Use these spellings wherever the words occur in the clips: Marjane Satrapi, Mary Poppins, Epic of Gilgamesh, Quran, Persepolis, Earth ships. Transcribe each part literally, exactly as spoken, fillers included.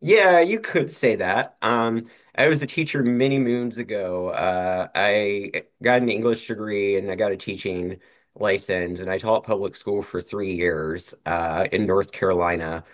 Yeah, you could say that. Um, I was a teacher many moons ago. Uh, I got an English degree and I got a teaching license, and I taught public school for three years uh, in North Carolina.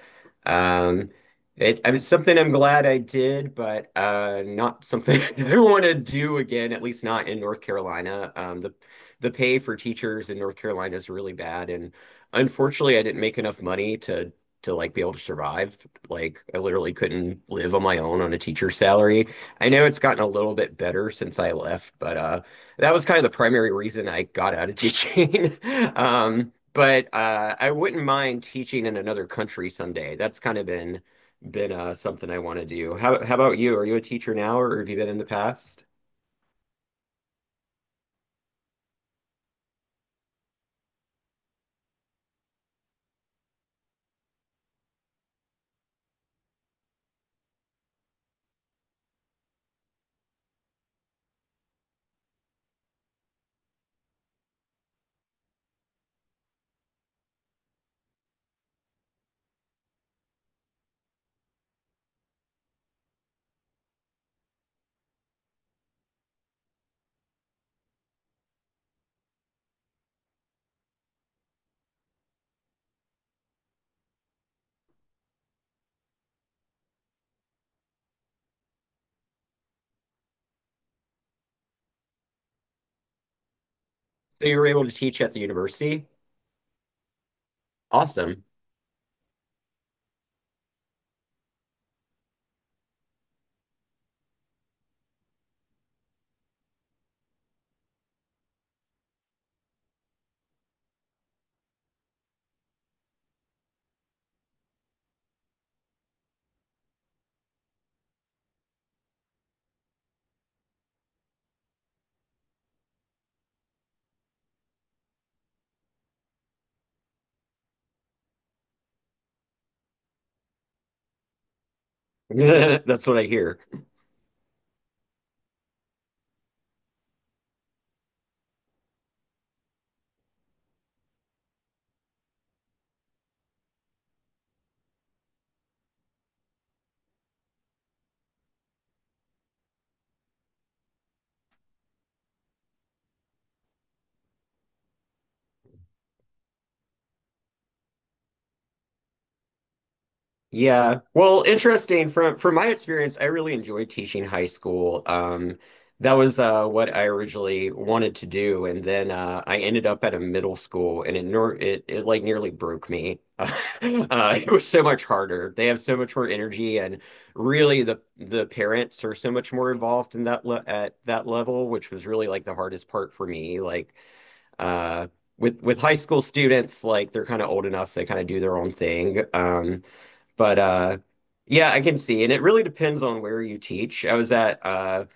Um, it, I mean, something I'm glad I did, but uh, not something I want to do again, at least not in North Carolina. Um, the the pay for teachers in North Carolina is really bad, and unfortunately, I didn't make enough money to to like be able to survive. Like, I literally couldn't live on my own on a teacher's salary. I know it's gotten a little bit better since I left, but uh, that was kind of the primary reason I got out of teaching. Um, but uh, I wouldn't mind teaching in another country someday. That's kind of been been uh, something I want to do. How how about you? Are you a teacher now, or have you been in the past? So you were able to teach at the university? Awesome. That's what I hear. Yeah. Well, interesting. From from my experience, I really enjoyed teaching high school. Um, that was uh, what I originally wanted to do, and then uh, I ended up at a middle school, and it nor it, it like nearly broke me. Uh, it was so much harder. They have so much more energy, and really the the parents are so much more involved in that le at that level, which was really like the hardest part for me. Like uh, with with high school students, like they're kind of old enough, they kind of do their own thing. Um, but uh Yeah, I can see. And it really depends on where you teach. I was at uh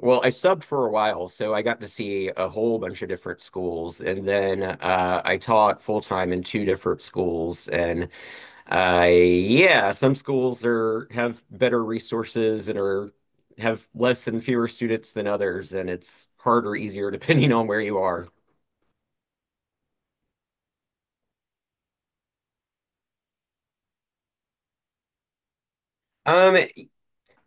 well, I subbed for a while, so I got to see a whole bunch of different schools. And then uh I taught full time in two different schools. And uh yeah, some schools are have better resources and are have less and fewer students than others, and it's harder, easier depending on where you are. Um,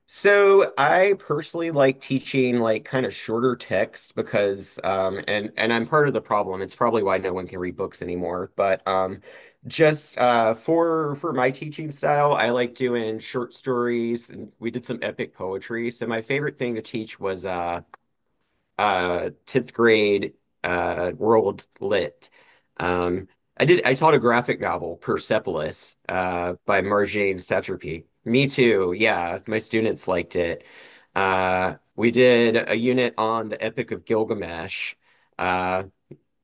So I personally like teaching like kind of shorter text because um and and I'm part of the problem. It's probably why no one can read books anymore. But um just uh for for my teaching style, I like doing short stories and we did some epic poetry. So my favorite thing to teach was uh uh, tenth grade Uh, world lit. Um, I did. I taught a graphic novel, Persepolis, uh, by Marjane Satrapi. Me too. Yeah, my students liked it. Uh, we did a unit on the Epic of Gilgamesh. Uh,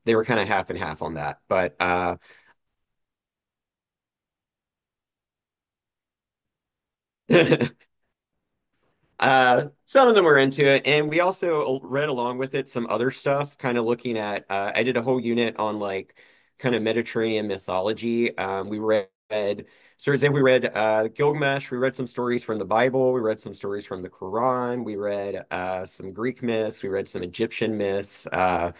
they were kind of half and half on that, but uh, Uh, some of them were into it, and we also read along with it some other stuff, kind of looking at. Uh, I did a whole unit on like kind of Mediterranean mythology. Um, we read, so for example, we read uh, Gilgamesh. We read some stories from the Bible. We read some stories from the Quran. We read uh, some Greek myths. We read some Egyptian myths, uh,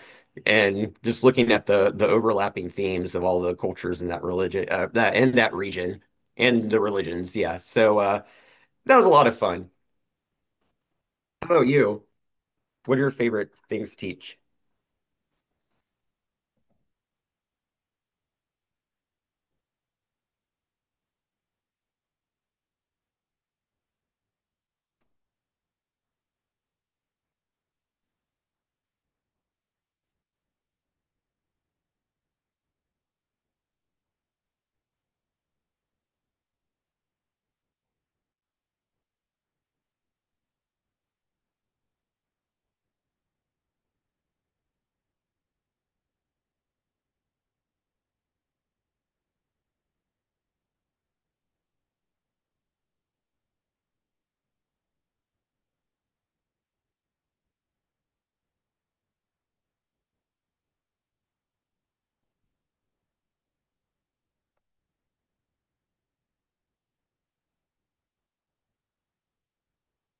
and just looking at the the overlapping themes of all the cultures in that religion, uh, that in that region, and the religions. Yeah, so uh, that was a lot of fun. How about you? What are your favorite things to teach?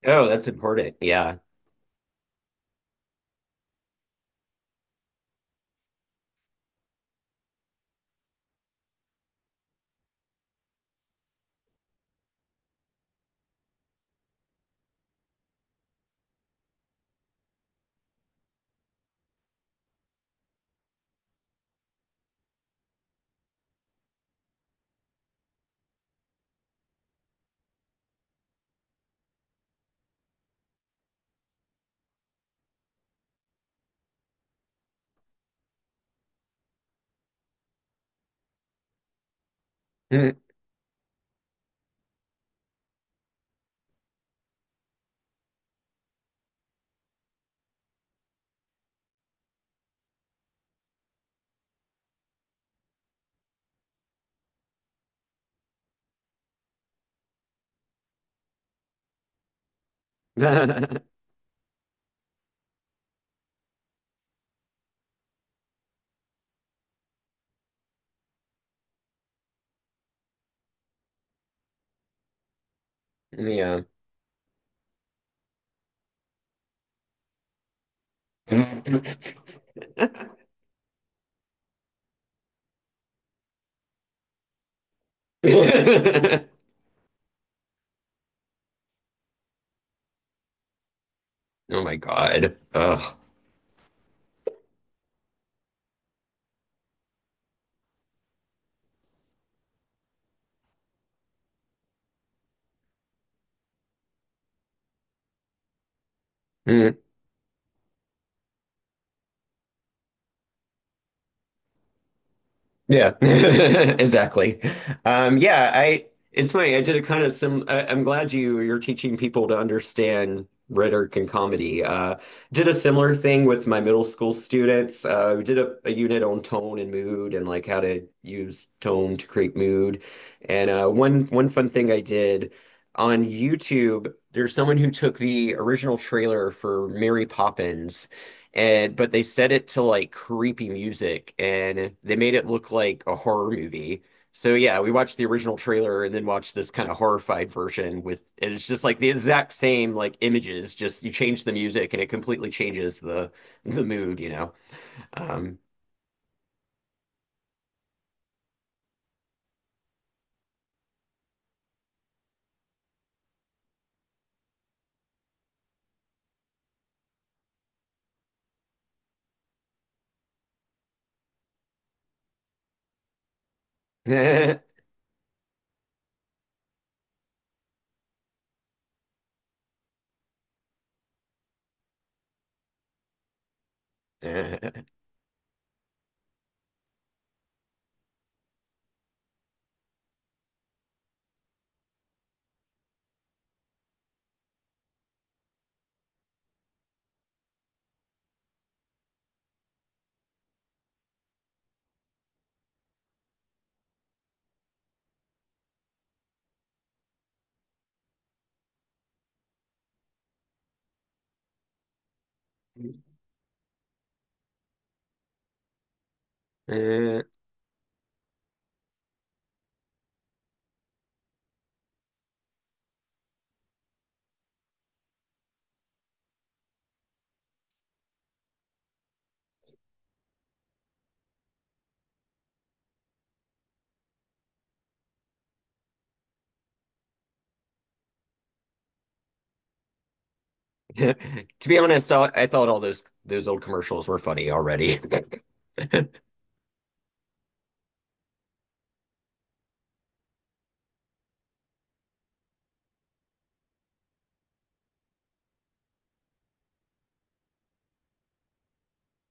Oh, that's important. Yeah. Yeah. Oh my God. Ugh. Yeah, exactly. Um, yeah, I It's funny. I did a kind of sim. I, I'm glad you you're teaching people to understand rhetoric and comedy. Uh, did a similar thing with my middle school students. Uh, we did a, a unit on tone and mood and like how to use tone to create mood. And uh, one one fun thing I did on YouTube, there's someone who took the original trailer for Mary Poppins and but they set it to like creepy music and they made it look like a horror movie. So yeah, we watched the original trailer and then watched this kind of horrified version with and it's just like the exact same like images, just you change the music and it completely changes the the mood, you know. Um Uh, to be honest, I, I thought all those those old commercials were funny already.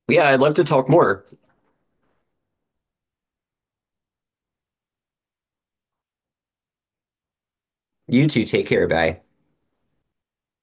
Yeah, I'd love to talk more. You two take care, bye.